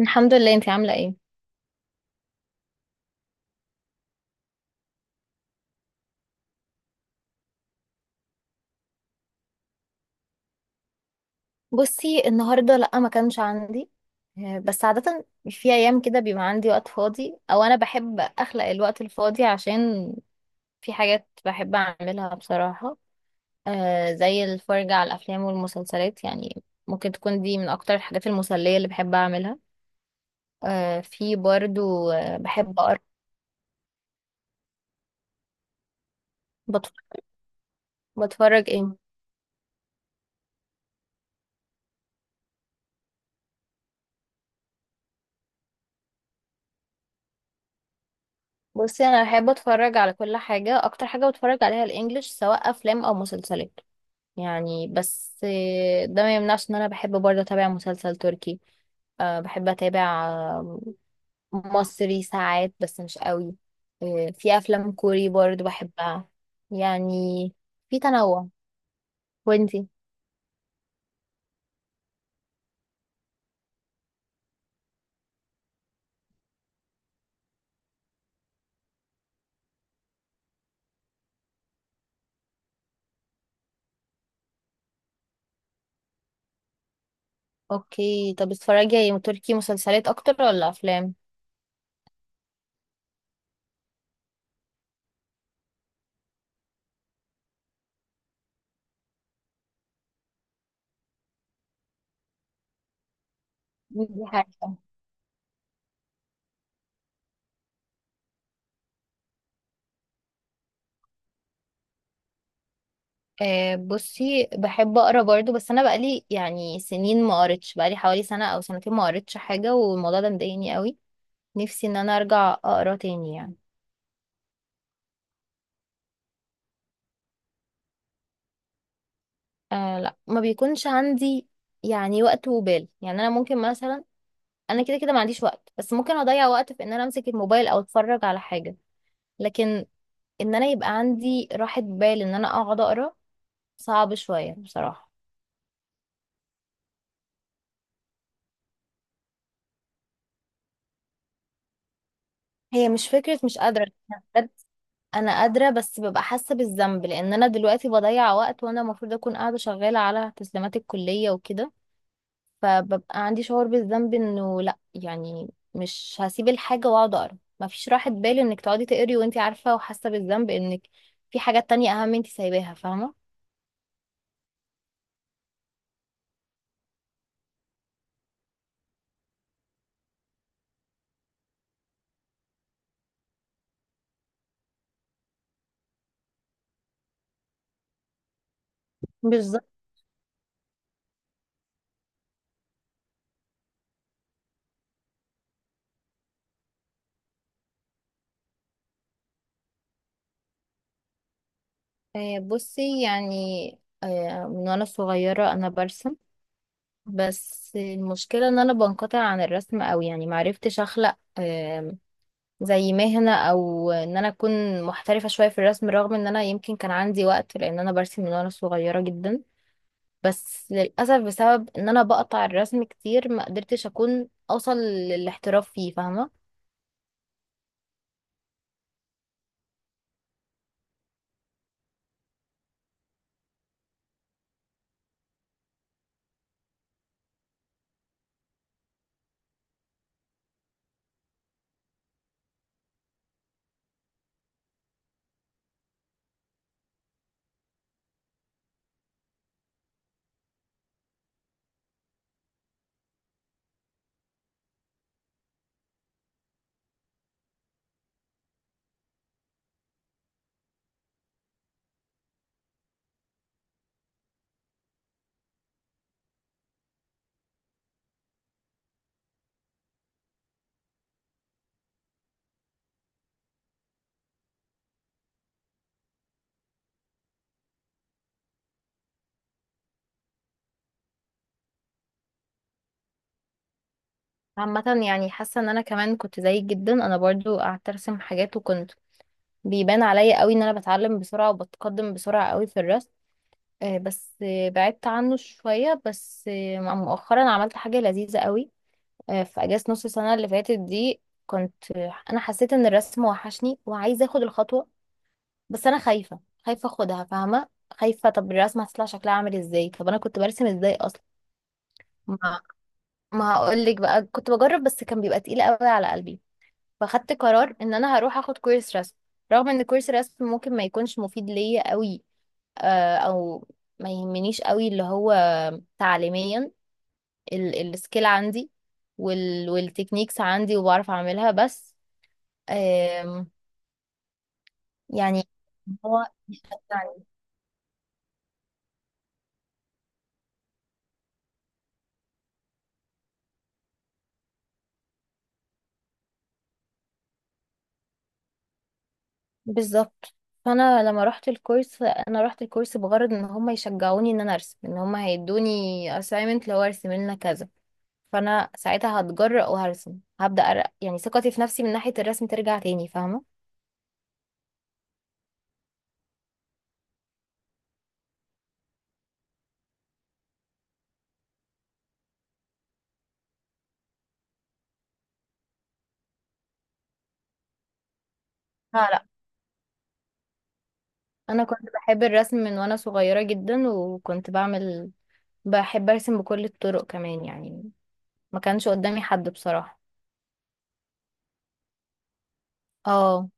الحمد لله، انتي عاملة ايه؟ بصي النهاردة لأ، ما كانش عندي. بس عادة في أيام كده بيبقى عندي وقت فاضي أو أنا بحب أخلق الوقت الفاضي، عشان في حاجات بحب أعملها بصراحة. زي الفرجة على الأفلام والمسلسلات يعني. ممكن تكون دي من أكتر الحاجات المسلية اللي بحب أعملها. في برضو، بحب أقرأ. بتف- بتفرج ايه؟ بصي أنا بحب أتفرج على كل حاجة، أكتر حاجة بتفرج عليها الإنجليش سواء أفلام أو مسلسلات يعني. بس ده ما يمنعش ان انا بحب برضه اتابع مسلسل تركي. بحب اتابع مصري ساعات بس مش قوي. في افلام كوري برضه بحبها يعني. في تنوع. وانتي؟ اوكي، طب بتتفرجي تركي مسلسلات اكتر ولا افلام؟ دي حاجة. بصي بحب اقرا برضه، بس انا بقالي يعني سنين ما قريتش، بقالي حوالي سنة او سنتين ما قريتش حاجة، والموضوع ده مضايقني قوي. نفسي ان انا ارجع اقرا تاني يعني. آه لا، ما بيكونش عندي يعني وقت وبال. يعني انا ممكن مثلا، انا كده كده ما عنديش وقت، بس ممكن اضيع وقت في ان انا امسك الموبايل او اتفرج على حاجة، لكن ان انا يبقى عندي راحة بال ان انا اقعد اقرا صعب شوية بصراحة. هي مش فكرة مش قادرة، أنا بجد انا قادرة، بس ببقى حاسة بالذنب لان انا دلوقتي بضيع وقت وانا المفروض اكون قاعدة شغالة على تسليمات الكلية وكده. فببقى عندي شعور بالذنب انه لا يعني، مش هسيب الحاجة واقعد اقرا. مفيش راحة بال انك تقعدي تقري وانت عارفة وحاسة بالذنب انك في حاجات تانية اهم انت سايباها، فاهمة؟ بالظبط. بصي يعني، من وانا صغيرة انا برسم، بس المشكلة ان انا بنقطع عن الرسم اوي. يعني معرفتش اخلق زي مهنة او ان انا اكون محترفة شوية في الرسم، رغم ان انا يمكن كان عندي وقت لان انا برسم من وانا صغيرة جدا. بس للأسف بسبب ان انا بقطع الرسم كتير ما قدرتش اكون اوصل للاحتراف فيه، فاهمة؟ عامة يعني حاسة ان انا كمان كنت زيك جدا. انا برضو قعدت ارسم حاجات وكنت بيبان عليا قوي ان انا بتعلم بسرعة وبتقدم بسرعة قوي في الرسم. بس بعدت عنه شوية. بس مؤخرا عملت حاجة لذيذة قوي. في اجازة نص السنة اللي فاتت دي كنت انا حسيت ان الرسم وحشني وعايزة اخد الخطوة، بس انا خايفه. خايفه اخدها، فاهمه؟ خايفه طب الرسمه هتطلع شكلها عامل ازاي، طب انا كنت برسم ازاي اصلا. ما ما هقول لك بقى، كنت بجرب بس كان بيبقى تقيل قوي على قلبي. فاخدت قرار ان انا هروح اخد كورس رسم، رغم ان كورس رسم ممكن ما يكونش مفيد ليا قوي، او ما يهمنيش قوي، اللي هو تعليميا السكيل عندي والتكنيكس عندي وبعرف اعملها، بس آم، يعني هو بالظبط. فانا لما رحت الكورس، انا رحت الكورس بغرض ان هم يشجعوني ان انا ارسم، ان هم هيدوني assignment لو ارسم لنا كذا، فانا ساعتها هتجرأ وهرسم، هبدأ يعني ثقتي في نفسي من ناحية الرسم ترجع تاني، فاهمة؟ لا لا، انا كنت بحب الرسم من وانا صغيرة جدا وكنت بعمل، بحب ارسم بكل الطرق كمان يعني. ما كانش قدامي حد بصراحة. اه.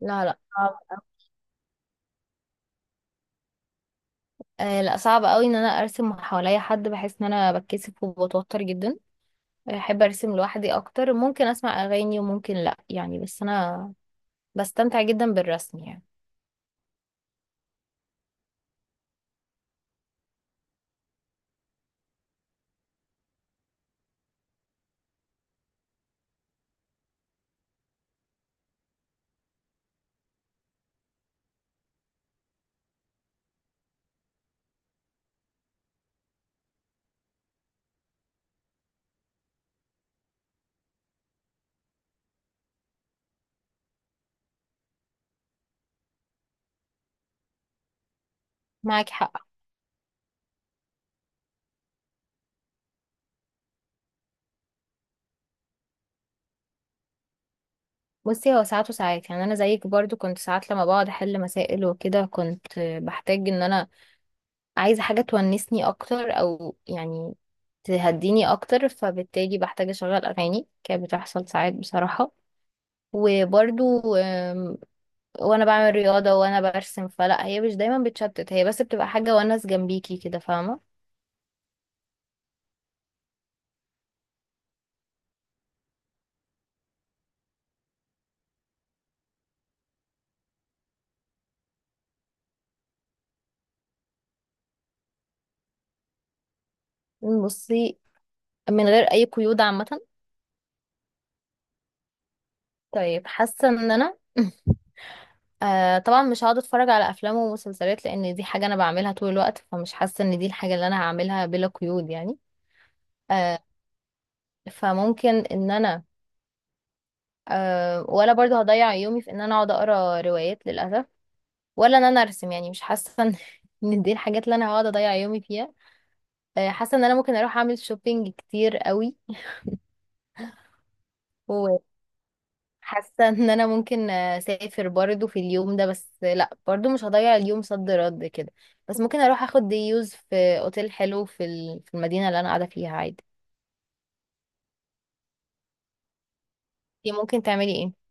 لا لا صعب أوي. آه لا، صعب قوي ان انا ارسم حواليا حد، بحس ان انا بتكسف وبتوتر جدا. احب ارسم لوحدي اكتر، ممكن اسمع اغاني وممكن لا يعني، بس انا بستمتع جدا بالرسم يعني. معاك حق. بصي هو ساعات وساعات. يعني انا زيك برضو، كنت ساعات لما بقعد احل مسائل وكده كنت بحتاج ان انا عايزه حاجه تونسني اكتر او يعني تهديني اكتر، فبالتالي بحتاج اشغل اغاني. كانت بتحصل ساعات بصراحه. وبرضو وانا بعمل رياضه وانا برسم، فلا هي مش دايما بتشتت، هي بس بتبقى حاجه ونس جنبيكي كده، فاهمه؟ بصي من غير اي قيود عامه؟ طيب حاسه ان انا آه طبعا مش هقعد اتفرج على افلام ومسلسلات لان دي حاجه انا بعملها طول الوقت، فمش حاسه ان دي الحاجه اللي انا هعملها بلا قيود يعني. آه، فممكن ان انا، آه ولا برضو هضيع يومي في ان انا اقعد اقرا روايات للاسف، ولا ان انا ارسم، يعني مش حاسه ان إن دي الحاجات اللي انا هقعد اضيع يومي فيها. آه، حاسه ان انا ممكن اروح اعمل شوبينج كتير قوي. حاسه ان انا ممكن اسافر برضو في اليوم ده، بس لا برضو مش هضيع اليوم صد رد كده، بس ممكن اروح اخد ديوز في اوتيل حلو في في المدينه اللي انا قاعده فيها عادي. دي ممكن تعملي ايه؟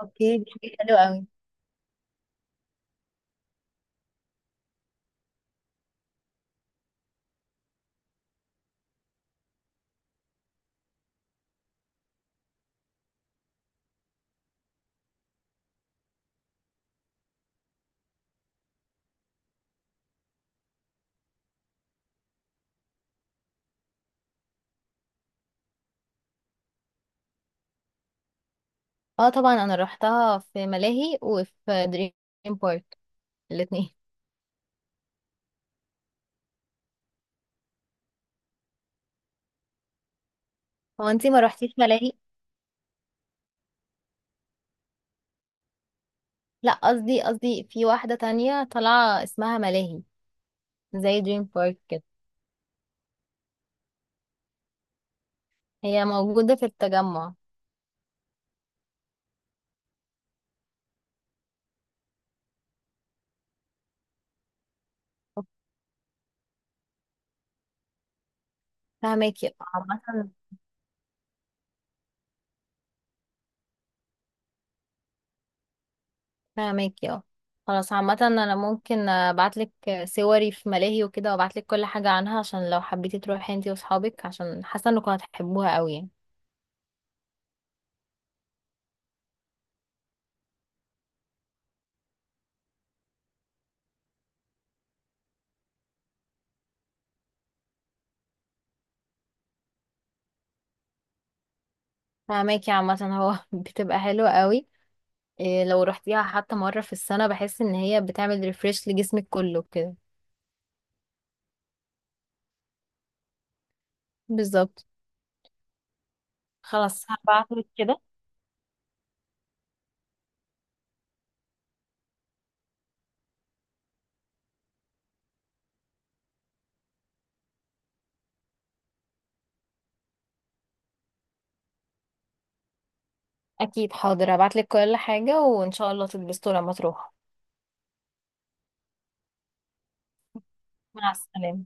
اوكي دي حاجة حلوة قوي. اه طبعا، انا روحتها في ملاهي وفي دريم بارك الاتنين. هو انتي ما روحتيش ملاهي؟ لا، قصدي في واحده تانية طالعه اسمها ملاهي، زي دريم بارك كده. هي موجوده في التجمع. فهماكي؟ عامة فاهمك، اه. خلاص عامة انا ممكن ابعتلك صوري في ملاهي وكده وابعتلك كل حاجة عنها، عشان لو حبيتي تروحي انتي واصحابك، عشان حاسة انكم هتحبوها قوي يعني. فاهمك. يا عامة هو بتبقى حلوة قوي. إيه لو رحتيها حتى مرة في السنة، بحس ان هي بتعمل ريفريش لجسمك كله كده. بالظبط. خلاص هبعتلك كده. اكيد، حاضر هبعتلك كل حاجة، وان شاء الله تتبسطوا لما تروحوا. مع السلامة.